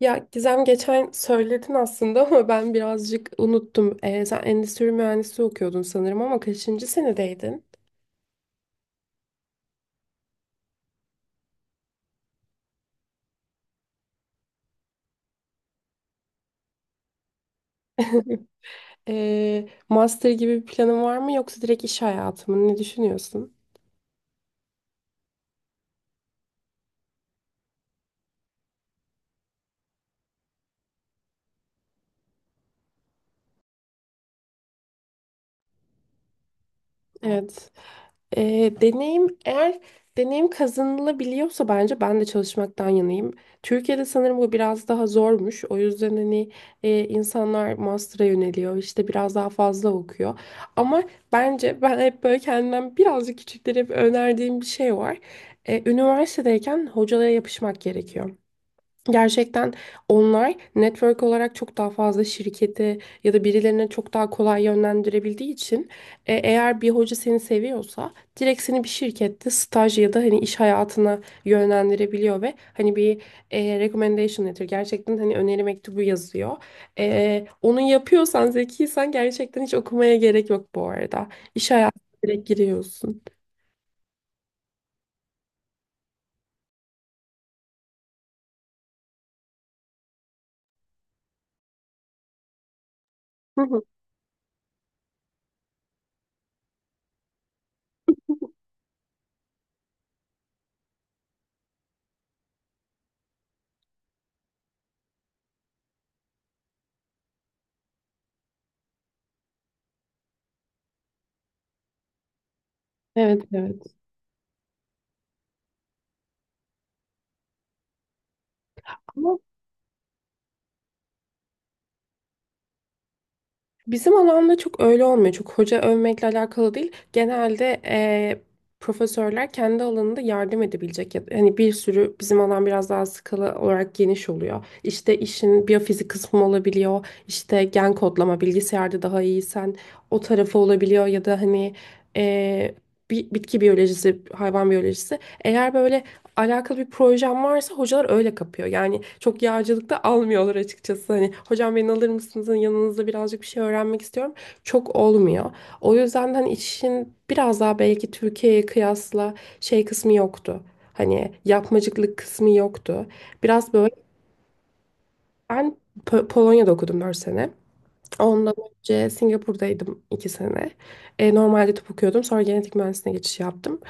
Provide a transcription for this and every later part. Ya Gizem geçen söyledin aslında ama ben birazcık unuttum. Sen endüstri mühendisliği okuyordun sanırım ama kaçıncı senedeydin? Master gibi bir planın var mı yoksa direkt iş hayatı mı? Ne düşünüyorsun? Evet. Eğer deneyim kazanılabiliyorsa bence ben de çalışmaktan yanayım. Türkiye'de sanırım bu biraz daha zormuş. O yüzden hani insanlar master'a yöneliyor, işte biraz daha fazla okuyor. Ama bence ben hep böyle kendimden birazcık küçüklere hep önerdiğim bir şey var. Üniversitedeyken hocalara yapışmak gerekiyor. Gerçekten onlar network olarak çok daha fazla şirketi ya da birilerine çok daha kolay yönlendirebildiği için eğer bir hoca seni seviyorsa direkt seni bir şirkette staj ya da hani iş hayatına yönlendirebiliyor ve hani bir recommendation letter gerçekten hani öneri mektubu yazıyor. Onu yapıyorsan zekiysen gerçekten hiç okumaya gerek yok bu arada. İş hayatına direkt giriyorsun. Hı hı. Evet, evet. Bizim alanda çok öyle olmuyor. Çok hoca övmekle alakalı değil. Genelde profesörler kendi alanında yardım edebilecek. Hani bir sürü, bizim alan biraz daha skala olarak geniş oluyor. İşte işin biyofizik kısmı olabiliyor. İşte gen kodlama, bilgisayarda daha iyiysen o tarafı olabiliyor. Ya da hani eee, bitki biyolojisi, hayvan biyolojisi. Eğer böyle alakalı bir projem varsa hocalar öyle kapıyor. Yani çok yağcılıkta almıyorlar açıkçası. Hani, hocam beni alır mısınız? Hani yanınızda birazcık bir şey öğrenmek istiyorum. Çok olmuyor. O yüzden hani işin biraz daha, belki Türkiye'ye kıyasla, şey kısmı yoktu. Hani yapmacıklık kısmı yoktu. Biraz böyle, ben Polonya'da okudum 4 sene. Ondan önce Singapur'daydım 2 sene. Normalde tıp okuyordum. Sonra genetik mühendisliğine geçiş yaptım.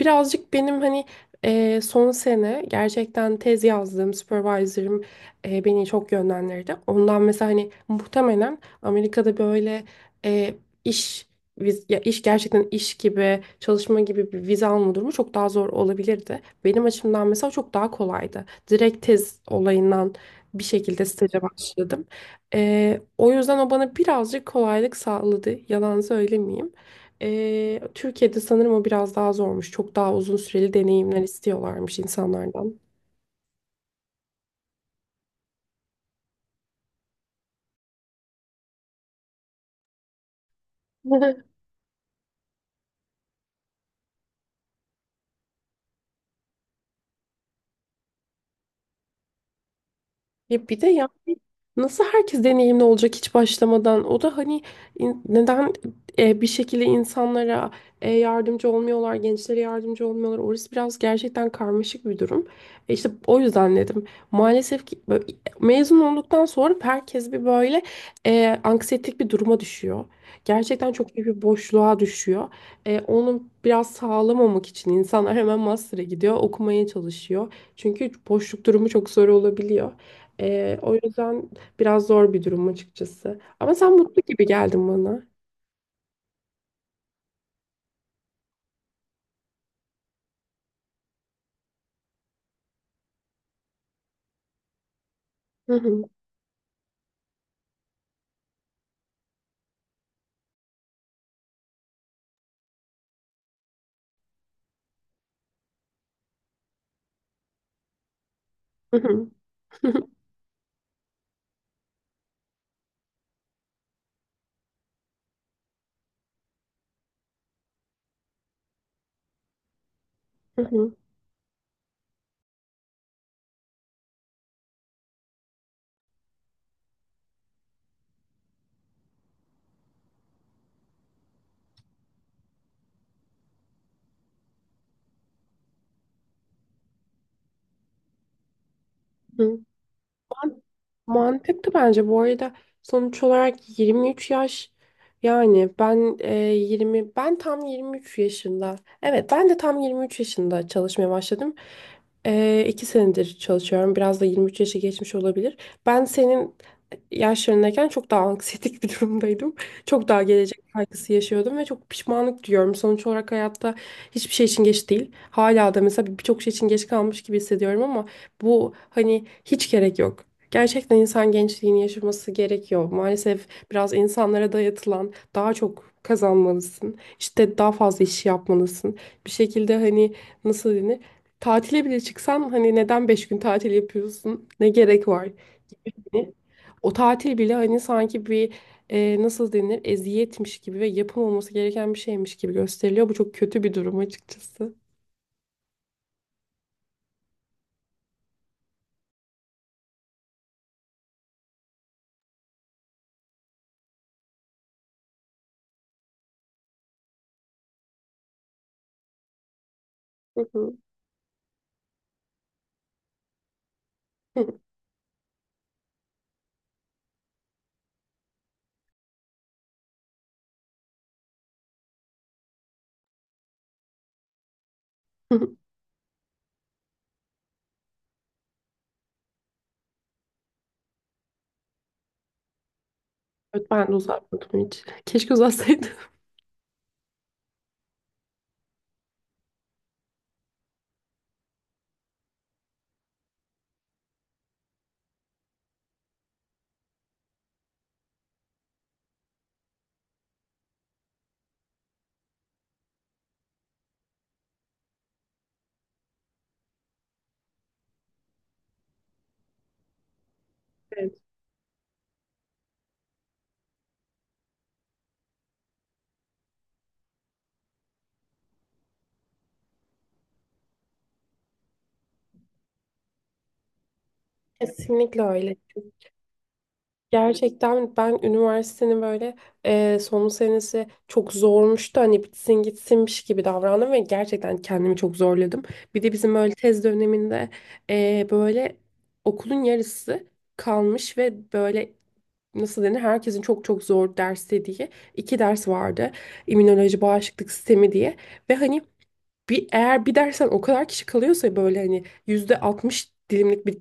Birazcık benim hani son sene gerçekten tez yazdığım supervisor'ım beni çok yönlendirdi. Ondan mesela, hani muhtemelen Amerika'da böyle eee, iş viz- ya iş gerçekten, iş gibi çalışma gibi bir vize alma durumu çok daha zor olabilirdi. Benim açımdan mesela çok daha kolaydı. Direkt tez olayından bir şekilde staja başladım. O yüzden o bana birazcık kolaylık sağladı. Yalan söylemeyeyim. Türkiye'de sanırım o biraz daha zormuş. Çok daha uzun süreli deneyimler istiyorlarmış insanlardan. Ya bir de yani nasıl herkes deneyimli olacak hiç başlamadan? O da hani neden bir şekilde insanlara yardımcı olmuyorlar, gençlere yardımcı olmuyorlar? Orası biraz gerçekten karmaşık bir durum. İşte o yüzden dedim. Maalesef ki böyle, mezun olduktan sonra herkes bir böyle anksiyetik bir duruma düşüyor. Gerçekten çok büyük bir boşluğa düşüyor. Onu biraz sağlamamak için insanlar hemen master'a gidiyor, okumaya çalışıyor. Çünkü boşluk durumu çok zor olabiliyor. O yüzden biraz zor bir durum açıkçası. Ama sen mutlu gibi geldin bana. Hı hı, hı hı, hı hı, hı hı. Man- Mantıklı bence, bu arada, sonuç olarak 23 yaş. Yani ben 20, ben tam 23 yaşında, evet, ben de tam 23 yaşında çalışmaya başladım. 2 senedir çalışıyorum, biraz da 23 yaşı geçmiş olabilir. Ben senin yaşlarındayken çok daha anksiyetik bir durumdaydım. Çok daha gelecek kaygısı yaşıyordum ve çok pişmanlık duyuyorum. Sonuç olarak hayatta hiçbir şey için geç değil. Hala da mesela birçok şey için geç kalmış gibi hissediyorum ama bu, hani, hiç gerek yok. Gerçekten insan gençliğini yaşaması gerekiyor. Maalesef biraz insanlara dayatılan, daha çok kazanmalısın, işte daha fazla iş yapmalısın. Bir şekilde hani, nasıl denir, tatile bile çıksan hani neden 5 gün tatil yapıyorsun? Ne gerek var? Hani o tatil bile hani sanki bir nasıl denir, eziyetmiş gibi ve yapılmaması gereken bir şeymiş gibi gösteriliyor. Bu çok kötü bir durum açıkçası. Hı hı. Evet, ben de uzatmadım hiç. Keşke uzatsaydım. Evet. Kesinlikle öyle. Gerçekten ben üniversitenin böyle son senesi çok zormuştu. Hani bitsin gitsinmiş gibi davrandım ve gerçekten kendimi çok zorladım. Bir de bizim böyle tez döneminde böyle okulun yarısı kalmış ve böyle, nasıl denir, herkesin çok çok zor ders dediği iki ders vardı: İmmünoloji, bağışıklık sistemi diye. Ve hani eğer bir dersen o kadar kişi kalıyorsa, böyle hani %60 dilimlik bir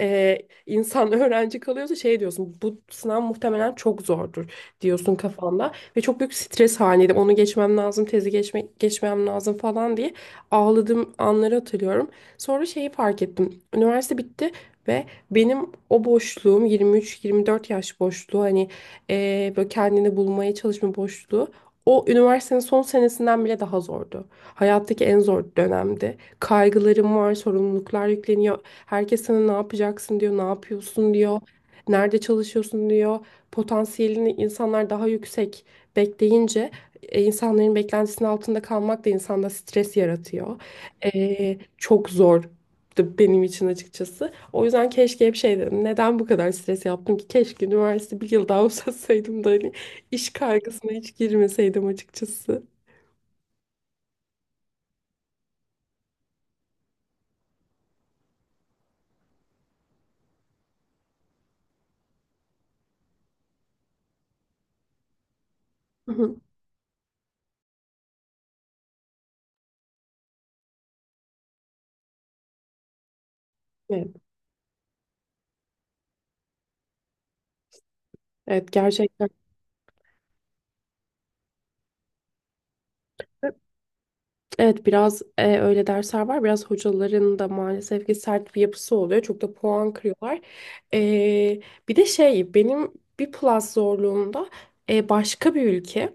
e, insan öğrenci kalıyorsa, şey diyorsun, bu sınav muhtemelen çok zordur diyorsun kafanda. Ve çok büyük stres halindeydim, onu geçmem lazım, tezi geçmem lazım falan diye ağladığım anları hatırlıyorum. Sonra şeyi fark ettim, üniversite bitti ve benim o boşluğum, 23-24 yaş boşluğu, hani böyle kendini bulmaya çalışma boşluğu, o üniversitenin son senesinden bile daha zordu. Hayattaki en zor dönemdi. Kaygılarım var, sorumluluklar yükleniyor. Herkes sana ne yapacaksın diyor, ne yapıyorsun diyor, nerede çalışıyorsun diyor. Potansiyelini insanlar daha yüksek bekleyince insanların beklentisinin altında kalmak da insanda stres yaratıyor. Çok zor benim için açıkçası. O yüzden keşke hep şey dedim, neden bu kadar stres yaptım ki? Keşke üniversite bir yıl daha uzatsaydım da hani iş kaygısına hiç girmeseydim açıkçası. Hı hı. Evet, evet gerçekten. Evet, biraz öyle dersler var. Biraz hocaların da maalesef ki sert bir yapısı oluyor. Çok da puan kırıyorlar. E, Bir de şey, benim bir plus zorluğumda başka bir ülke.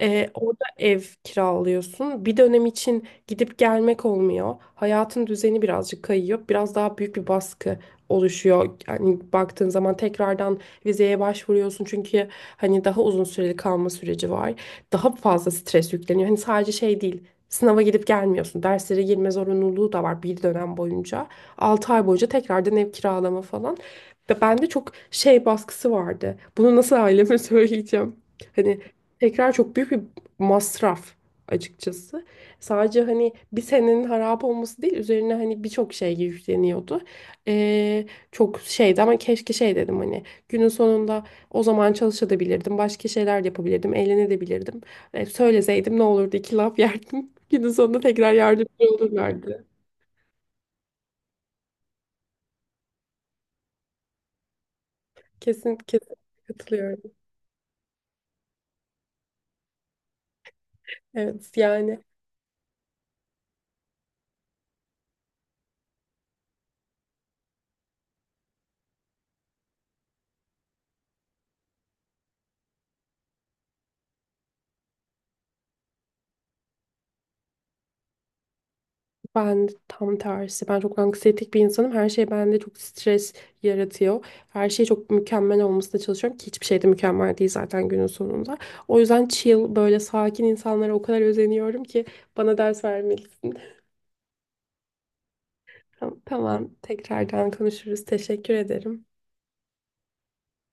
Orada ev kiralıyorsun. Bir dönem için gidip gelmek olmuyor. Hayatın düzeni birazcık kayıyor. Biraz daha büyük bir baskı oluşuyor. Yani baktığın zaman tekrardan vizeye başvuruyorsun. Çünkü hani daha uzun süreli kalma süreci var. Daha fazla stres yükleniyor. Hani sadece şey değil, sınava gidip gelmiyorsun. Derslere girme zorunluluğu da var bir dönem boyunca. 6 ay boyunca tekrardan ev kiralama falan. Ve bende çok şey baskısı vardı: bunu nasıl aileme söyleyeceğim? Hani tekrar çok büyük bir masraf açıkçası. Sadece hani bir senenin harap olması değil, üzerine hani birçok şey yükleniyordu. Ee, Çok şeydi ama keşke şey dedim, hani günün sonunda o zaman çalışabilirdim. Başka şeyler yapabilirdim. Eğlenebilirdim. Söyleseydim ne olurdu, iki laf yerdim. Günün sonunda tekrar yardımcı olurlardı. Kesin kesin katılıyorum. Evet, yani. Ben tam tersi. Ben çok anksiyetik bir insanım. Her şey bende çok stres yaratıyor. Her şey çok mükemmel olmasına çalışıyorum ki hiçbir şey de mükemmel değil zaten günün sonunda. O yüzden chill, böyle sakin insanlara o kadar özeniyorum ki bana ders vermelisin. Tamam, tamam. Tekrardan konuşuruz. Teşekkür ederim.